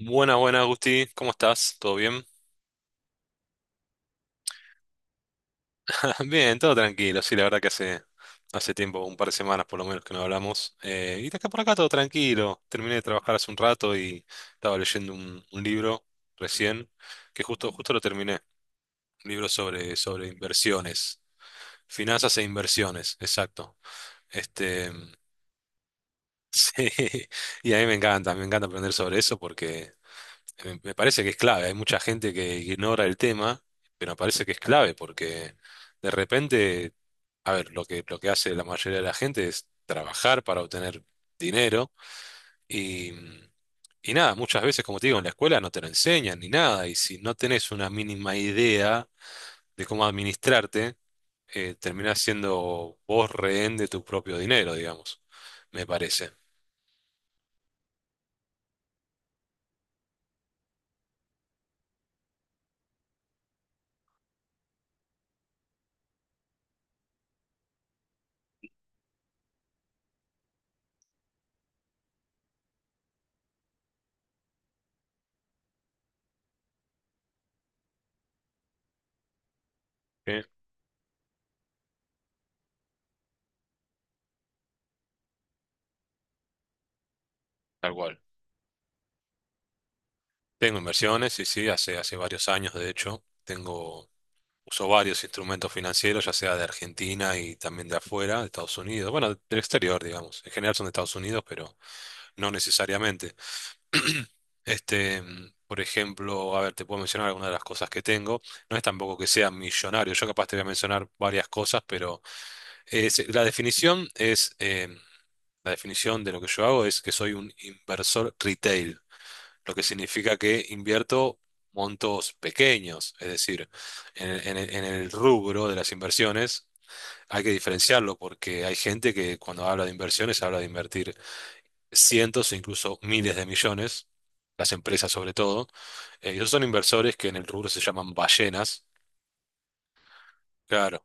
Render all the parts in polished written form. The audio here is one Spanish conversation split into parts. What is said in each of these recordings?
Buena, buena, Agustín. ¿Cómo estás? ¿Todo bien? Bien, todo tranquilo. Sí, la verdad que hace tiempo, un par de semanas por lo menos que no hablamos. Y de acá por acá todo tranquilo. Terminé de trabajar hace un rato y estaba leyendo un libro recién, que justo lo terminé. Un libro sobre inversiones. Finanzas e inversiones, exacto. Este, sí. Y a mí me encanta aprender sobre eso porque me parece que es clave. Hay mucha gente que ignora el tema, pero me parece que es clave porque de repente, a ver, lo que hace la mayoría de la gente es trabajar para obtener dinero y, y nada, muchas veces, como te digo, en la escuela no te lo enseñan ni nada y si no tenés una mínima idea de cómo administrarte, terminás siendo vos rehén de tu propio dinero, digamos, me parece. Sí. Tal cual. Tengo inversiones, y sí, sí, hace varios años, de hecho, tengo... Usó varios instrumentos financieros, ya sea de Argentina y también de afuera, de Estados Unidos, bueno, del exterior, digamos. En general son de Estados Unidos, pero no necesariamente. Este, por ejemplo, a ver, te puedo mencionar algunas de las cosas que tengo. No es tampoco que sea millonario, yo capaz te voy a mencionar varias cosas, pero la definición es, la definición de lo que yo hago es que soy un inversor retail, lo que significa que invierto montos pequeños, es decir, en el rubro de las inversiones hay que diferenciarlo porque hay gente que cuando habla de inversiones habla de invertir cientos e incluso miles de millones, las empresas sobre todo. Y esos son inversores que en el rubro se llaman ballenas, claro.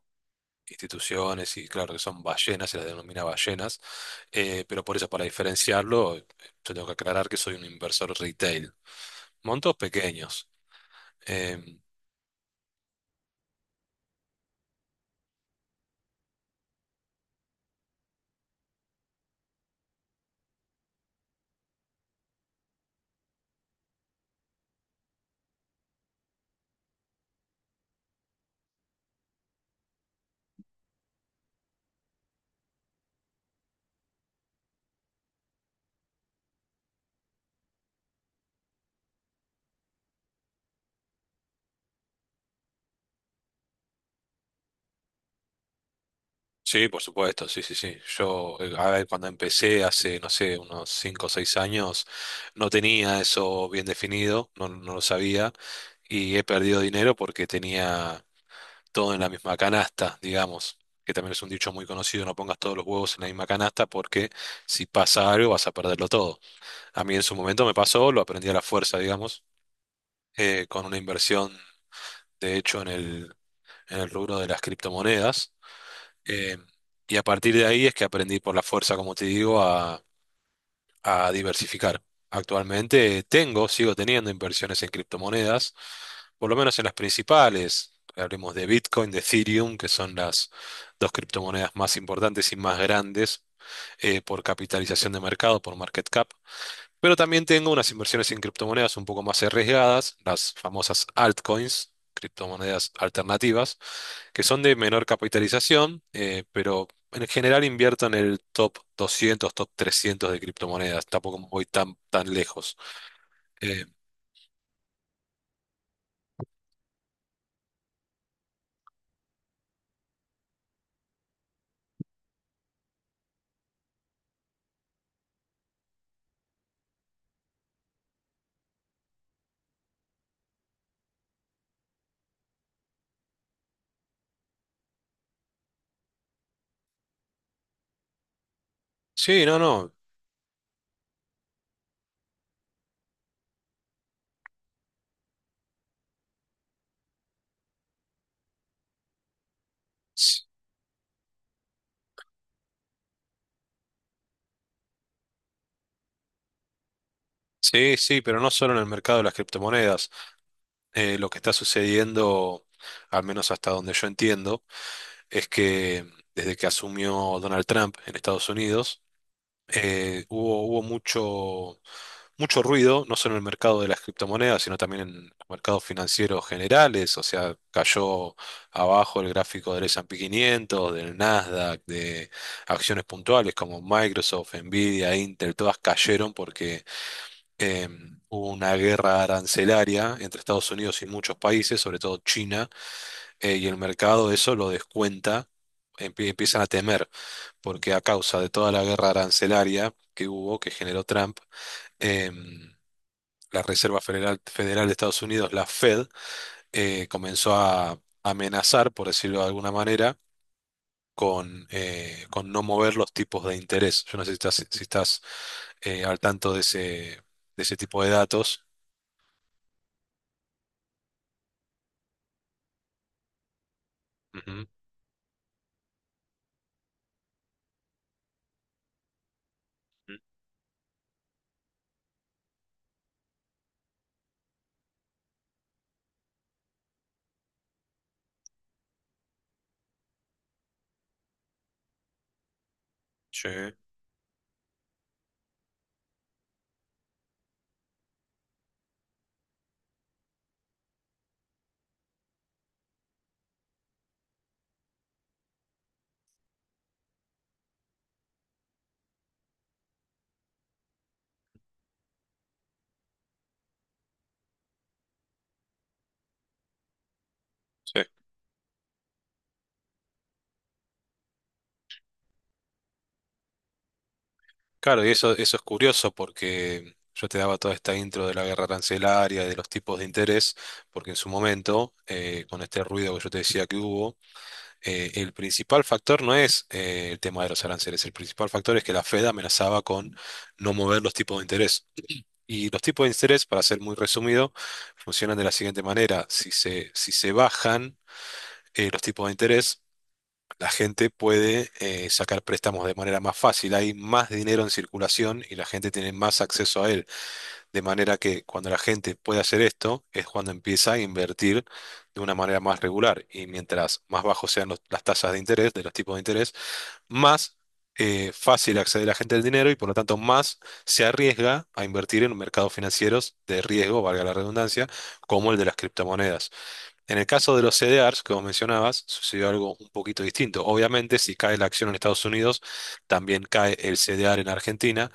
Instituciones y claro que son ballenas, se las denomina ballenas, pero por eso para diferenciarlo, yo tengo que aclarar que soy un inversor retail, montos pequeños. Em, Sí, por supuesto, sí, sí, sí. Yo, a ver, cuando empecé hace, no sé, unos 5 o 6 años, no tenía eso bien definido, no, no lo sabía, y he perdido dinero porque tenía todo en la misma canasta, digamos, que también es un dicho muy conocido, no pongas todos los huevos en la misma canasta porque si pasa algo vas a perderlo todo. A mí en su momento me pasó, lo aprendí a la fuerza, digamos, con una inversión, de hecho, en el rubro de las criptomonedas eh, y a partir de ahí es que aprendí por la fuerza, como te digo, a diversificar. Actualmente tengo, sigo teniendo inversiones en criptomonedas, por lo menos en las principales. Hablemos de Bitcoin, de Ethereum, que son las 2 criptomonedas más importantes y más grandes por capitalización de mercado, por market cap. Pero también tengo unas inversiones en criptomonedas un poco más arriesgadas, las famosas altcoins, criptomonedas alternativas, que son de menor capitalización, pero en general invierto en el top 200, top 300 de criptomonedas. Tampoco voy tan lejos. Eh, sí, no, no. s- Sí, sí, pero no solo en el mercado de las criptomonedas. Lo que está sucediendo, al menos hasta donde yo entiendo, es que desde que asumió Donald Trump en Estados Unidos, hubo mucho ruido, no solo en el mercado de las criptomonedas, sino también en los mercados financieros generales. O sea, cayó abajo el gráfico del S&P 500, del Nasdaq, de acciones puntuales como Microsoft, Nvidia, Intel, todas cayeron porque eh, hubo una guerra arancelaria entre Estados Unidos y muchos países, sobre todo China, y el mercado eso lo descuenta, empiezan a temer porque a causa de toda la guerra arancelaria que hubo, que generó Trump, em, la Reserva Federal, Federal de Estados Unidos, la Fed, comenzó a amenazar, por decirlo de alguna manera, con no mover los tipos de interés. Yo no sé si estás al tanto de de ese tipo de datos. Ujú. Sí, sí. Claro, y eso es curioso porque yo te daba toda esta intro de la guerra arancelaria, de los tipos de interés, porque en su momento, con este ruido que yo te decía que hubo, el principal factor no es el tema de los aranceles, el principal factor es que la Fed amenazaba con no mover los tipos de interés. Y los tipos de interés, para ser muy resumido, funcionan de la siguiente manera. Si se bajan los tipos de interés, la gente puede sacar préstamos de manera más fácil. Hay más dinero en circulación y la gente tiene más acceso a él. De manera que cuando la gente puede hacer esto, es cuando empieza a invertir de una manera más regular. Y mientras más bajos sean las tasas de interés, de los tipos de interés, más fácil accede la gente al dinero y por lo tanto más se arriesga a invertir en mercados financieros de riesgo, valga la redundancia, como el de las criptomonedas. En el caso de los CDRs que vos mencionabas, sucedió algo un poquito distinto. Obviamente, si cae la acción en Estados Unidos, también cae el CDR en Argentina,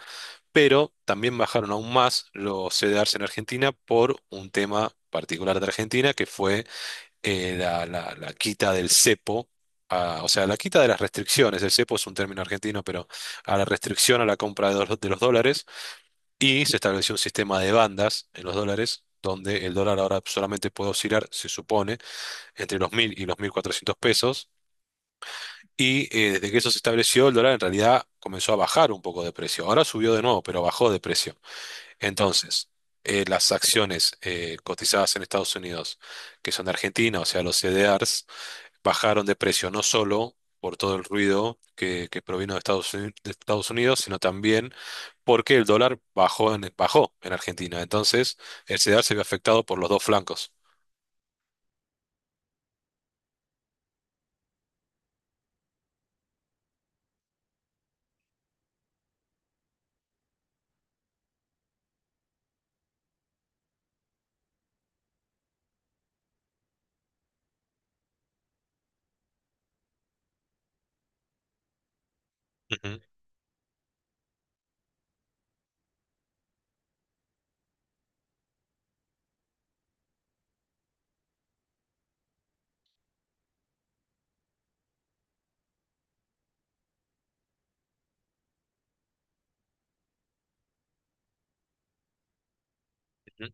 pero también bajaron aún más los CDRs en Argentina por un tema particular de Argentina, que fue la quita del cepo, o sea, la quita de las restricciones. El cepo es un término argentino, pero a la restricción a la compra de los dólares, y se estableció un sistema de bandas en los dólares, donde el dólar ahora solamente puede oscilar, se supone, entre los 1000 y los 1400 pesos. Y desde que eso se estableció, el dólar en realidad comenzó a bajar un poco de precio. Ahora subió de nuevo, pero bajó de precio. Entonces, las acciones cotizadas en Estados Unidos, que son de Argentina, o sea, los CDRs, bajaron de precio no solo por todo el ruido que provino de Estados Unidos, sino también porque el dólar bajó en Argentina. Entonces, el CDR se vio afectado por los dos flancos. Ujú, ujú.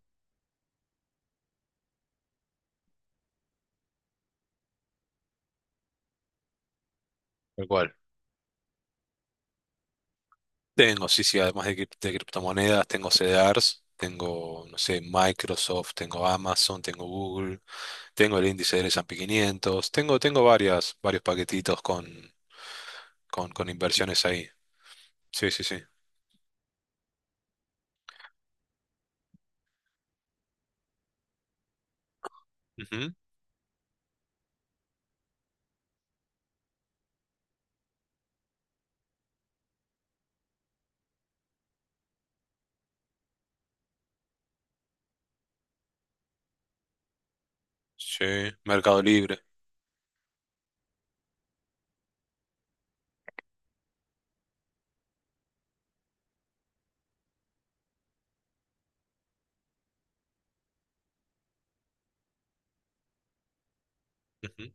Tal cual. Tengo, sí, sí, además de criptomonedas, tengo CDRs, tengo, no sé, Microsoft, tengo Amazon, tengo Google, tengo el índice del S&P 500, tengo, tengo varios paquetitos con inversiones ahí. Sí, sí, sí. Ujú. Sí, Mercado Libre. Ujú.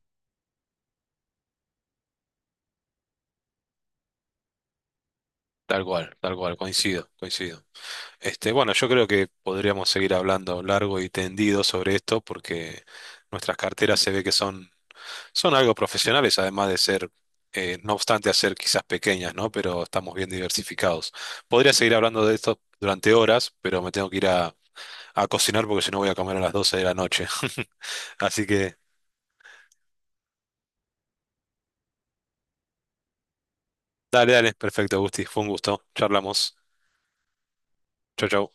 Tal cual, coincido, coincido. Este, bueno, yo creo que podríamos seguir hablando largo y tendido sobre esto porque nuestras carteras se ve que son, son algo profesionales, además de ser, no obstante, hacer quizás pequeñas, ¿no? Pero estamos bien diversificados. Podría seguir hablando de esto durante horas, pero me tengo que ir a cocinar porque si no voy a comer a las 12 de la noche. Así que, dale, dale, perfecto, Gusti, fue un gusto. Charlamos. Chau, chau.